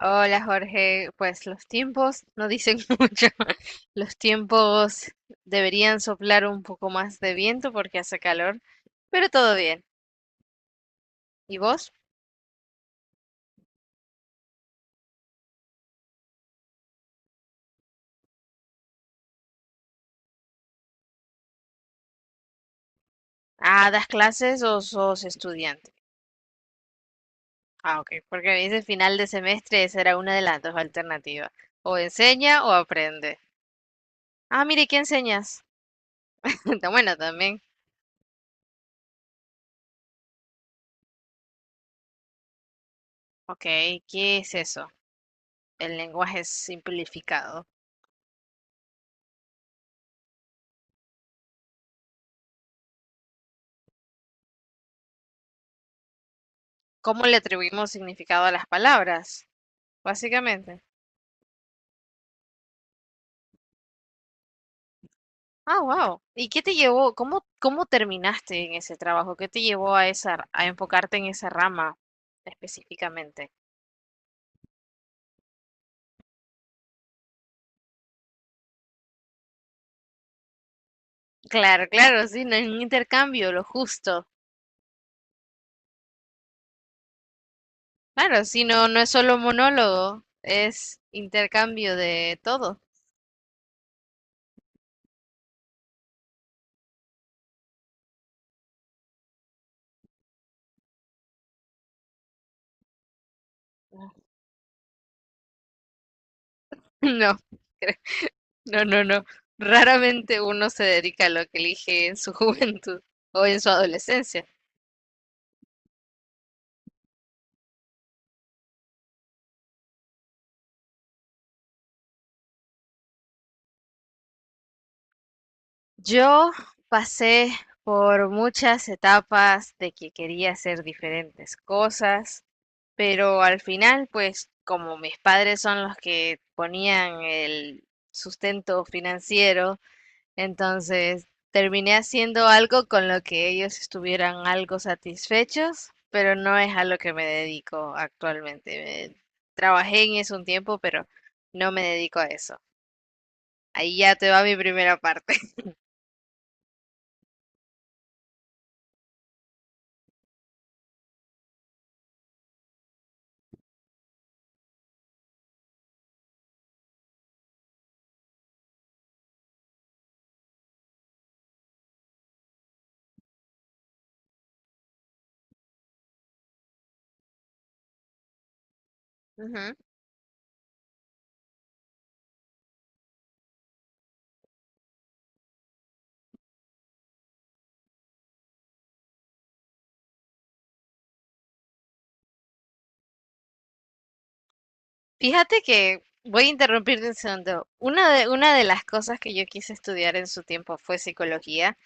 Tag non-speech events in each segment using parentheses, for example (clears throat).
Hola Jorge, pues los tiempos no dicen (laughs) mucho. Los tiempos deberían soplar un poco más de viento porque hace calor, pero todo bien. ¿Y vos? Ah, ¿das clases o sos estudiante? Ah, ok, porque me dice final de semestre, esa era una de las dos alternativas. O enseña o aprende. Ah, mire, ¿qué enseñas? (laughs) Está bueno, también. Ok, ¿qué es eso? El lenguaje simplificado. ¿Cómo le atribuimos significado a las palabras? Básicamente. Ah, wow. ¿Y qué te llevó? ¿¿Cómo terminaste en ese trabajo? ¿Qué te llevó a esa, a enfocarte en esa rama específicamente? Claro, claro, sí, no es un intercambio, lo justo. Claro, sí, no, no es solo monólogo, es intercambio de todo. (laughs) No, cre- no, no, no. Raramente uno se dedica a lo que elige en su (laughs) juventud o en su adolescencia. Yo pasé por muchas etapas de que quería hacer diferentes cosas, pero al final, pues como mis padres son los que ponían el sustento financiero, entonces terminé haciendo algo con lo que ellos estuvieran algo satisfechos, pero no es a lo que me dedico actualmente. Me- Trabajé en eso un tiempo, pero no me dedico a eso. Ahí ya te va mi primera parte. (laughs) Ujú. Fíjate que voy a interrumpirte un segundo. Una de las cosas que yo quise estudiar en su tiempo fue psicología,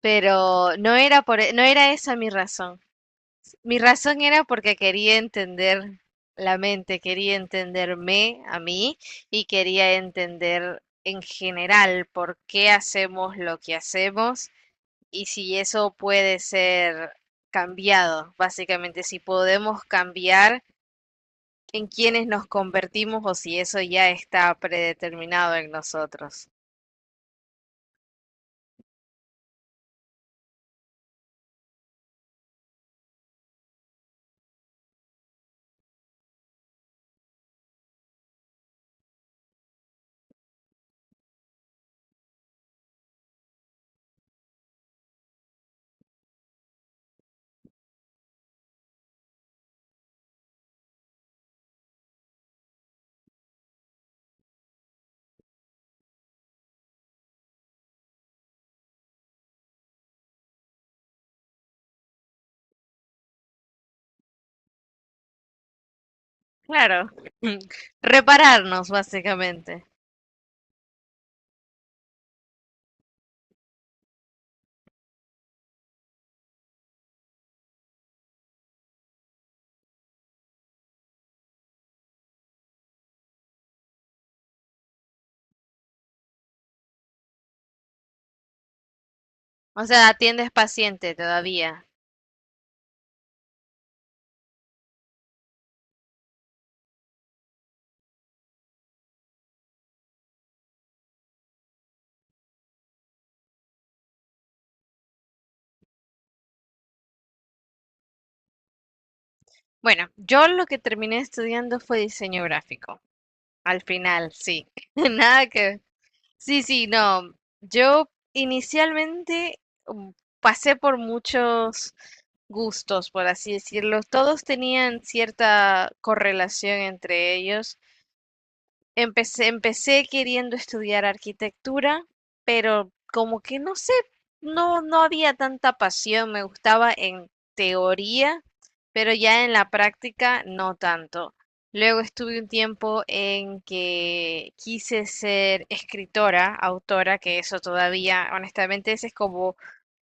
pero no era no era esa mi razón. Mi razón era porque quería entender la mente, quería entenderme a mí y quería entender en general por qué hacemos lo que hacemos y si eso puede ser cambiado, básicamente, si podemos cambiar en quienes nos convertimos o si eso ya está predeterminado en nosotros. Claro, (clears throat) (laughs) repararnos básicamente. O sea, ¿atiendes paciente todavía? Bueno, yo lo que terminé estudiando fue diseño gráfico. Al final, sí. (laughs) Nada que... Sí, sí, no. Yo inicialmente mm, pasé por muchos gustos, por así decirlo. Todos tenían cierta correlación entre ellos. Empecé queriendo estudiar arquitectura, pero como que no sé, no, no había tanta pasión, me gustaba en teoría, pero ya en la práctica no tanto. Luego estuve un tiempo en que quise ser escritora, autora, que eso todavía, honestamente, ese es como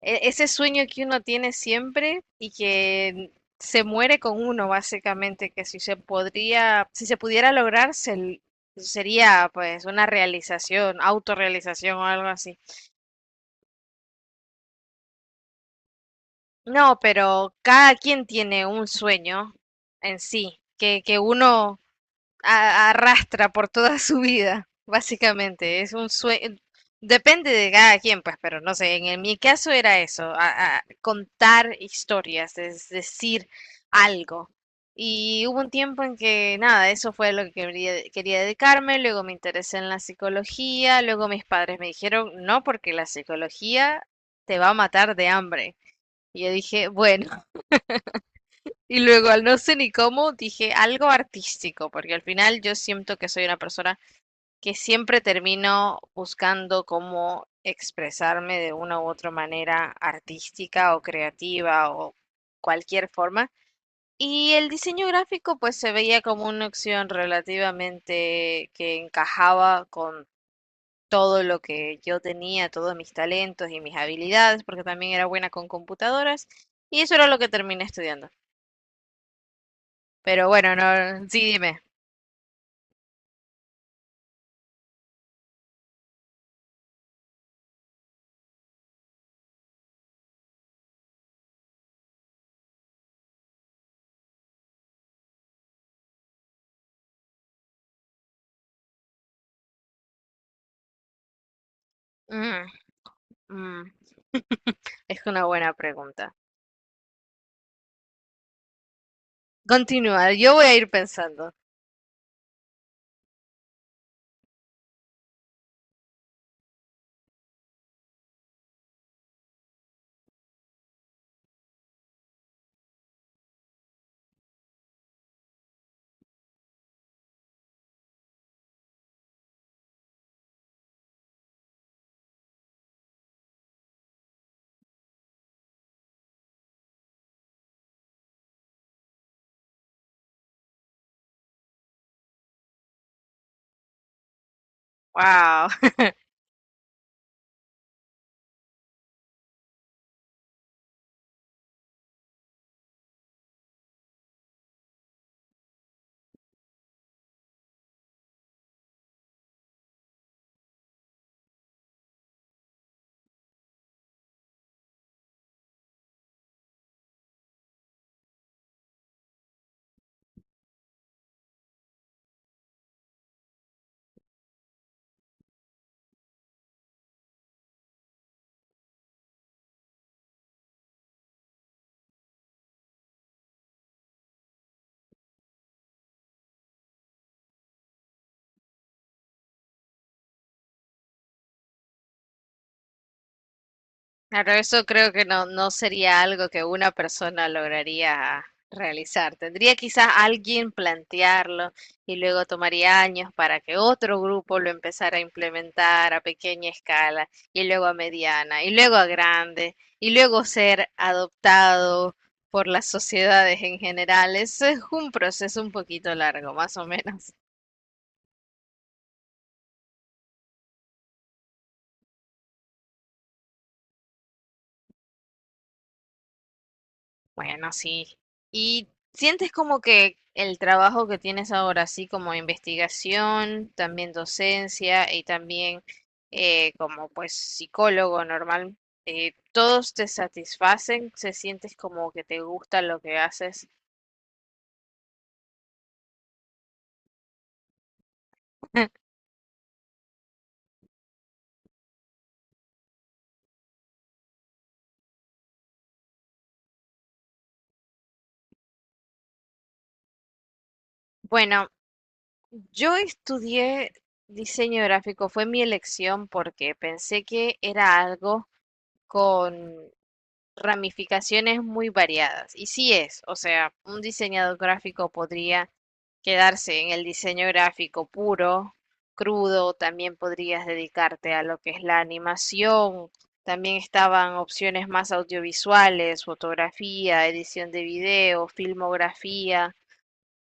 ese sueño que uno tiene siempre y que se muere con uno, básicamente, que si se podría, si se pudiera lograr, sería pues una realización, autorrealización o algo así. No, pero cada quien tiene un sueño en sí, que uno arrastra por toda su vida, básicamente. Es un sueño, depende de cada quien, pues, pero no sé, mi caso era eso, a contar historias, es decir, algo. Y hubo un tiempo en que nada, eso fue lo que quería, quería dedicarme, luego me interesé en la psicología, luego mis padres me dijeron, no, porque la psicología te va a matar de hambre. Y yo dije, bueno, y luego, al no sé ni cómo, dije algo artístico, porque al final yo siento que soy una persona que siempre termino buscando cómo expresarme de una u otra manera artística o creativa o cualquier forma. Y el diseño gráfico pues se veía como una opción relativamente que encajaba con todo lo que yo tenía, todos mis talentos y mis habilidades, porque también era buena con computadoras. Y eso era lo que terminé estudiando. Pero bueno, no, sí, dime. Mm, mm. (laughs) Es una buena pregunta. Continúa, yo voy a ir pensando. Wow. (laughs) Claro, eso creo que no, no sería algo que una persona lograría realizar. Tendría quizás alguien plantearlo y luego tomaría años para que otro grupo lo empezara a implementar a pequeña escala y luego a mediana y luego a grande y luego ser adoptado por las sociedades en general. Eso es un proceso un poquito largo, más o menos. Bueno, sí. ¿Y sientes como que el trabajo que tienes ahora, así como investigación, también docencia y también como pues psicólogo normal, todos te satisfacen? ¿Se sientes como que te gusta lo que haces? (laughs) Bueno, yo estudié diseño gráfico, fue mi elección porque pensé que era algo con ramificaciones muy variadas. Y sí es, o sea, un diseñador gráfico podría quedarse en el diseño gráfico puro, crudo, también podrías dedicarte a lo que es la animación, también estaban opciones más audiovisuales, fotografía, edición de video, filmografía.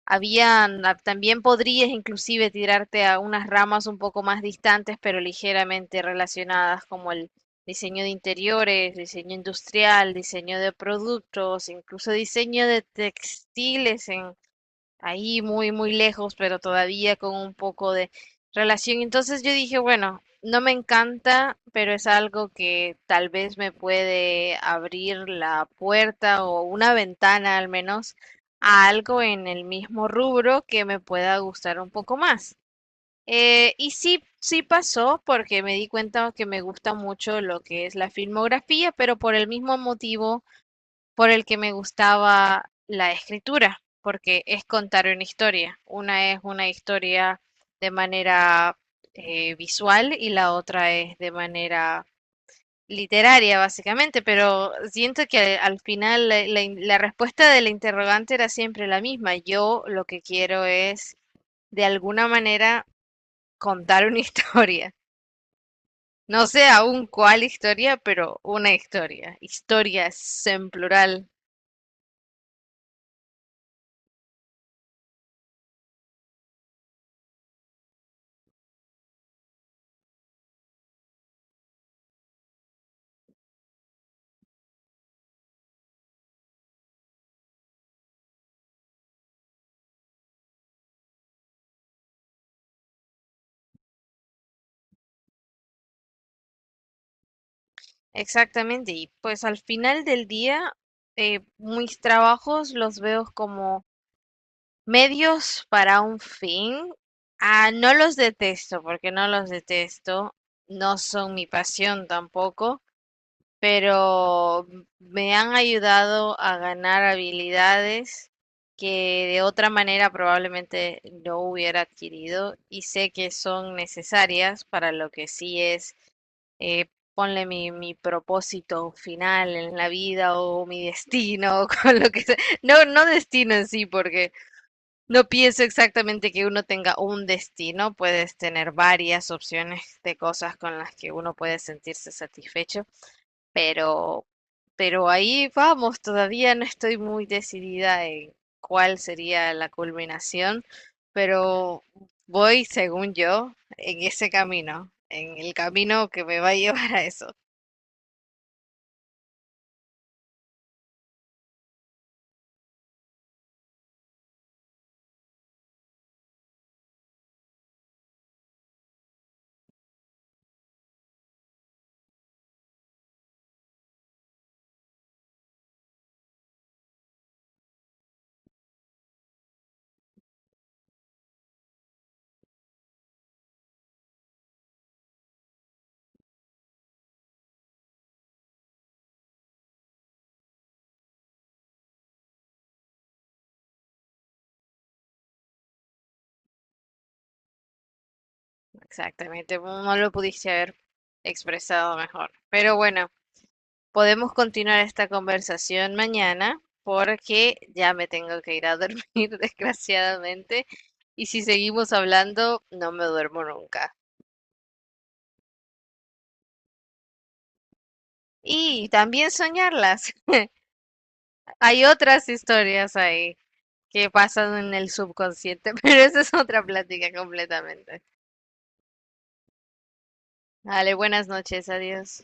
Habían, ah, también podrías inclusive tirarte a unas ramas un poco más distantes, pero ligeramente relacionadas, como el diseño de interiores, diseño industrial, diseño de productos, incluso diseño de textiles en ahí muy, muy lejos, pero todavía con un poco de relación. Entonces yo dije, bueno, no me encanta, pero es algo que tal vez me puede abrir la puerta o una ventana al menos a algo en el mismo rubro que me pueda gustar un poco más. Y sí, sí pasó porque me di cuenta que me gusta mucho lo que es la filmografía, pero por el mismo motivo por el que me gustaba la escritura, porque es contar una historia. Una es una historia de manera visual y la otra es de manera literaria, básicamente, pero siento que al final la respuesta del interrogante era siempre la misma. Yo lo que quiero es, de alguna manera, contar una (laughs) historia. No sé aún cuál historia, pero una historia. Historias en plural. Exactamente, y pues al final del día, mis trabajos los veo como medios para un fin. Ah, no los detesto, porque no los detesto, no son mi pasión tampoco, pero me han ayudado a ganar habilidades que de otra manera probablemente no hubiera adquirido y sé que son necesarias para lo que sí es, eh, ponle mi propósito final en la vida o mi destino, (laughs) o con lo que sea. No, no destino en sí, porque no pienso exactamente que uno tenga un destino, puedes tener varias opciones de cosas con las que uno puede sentirse satisfecho, pero, pero ahí vamos, todavía no estoy muy decidida en cuál sería la culminación, pero voy, según yo, en ese camino, en el camino que me va a (laughs) llevar a eso. Exactamente, no no lo pudiste haber expresado mejor. Pero bueno, podemos continuar esta conversación mañana porque ya me tengo que ir a dormir, (laughs) desgraciadamente, y si seguimos hablando, no me duermo nunca. Y también soñarlas. (laughs) Hay otras historias ahí que pasan en el subconsciente, (laughs) pero esa es otra plática completamente. Dale, buenas noches, adiós.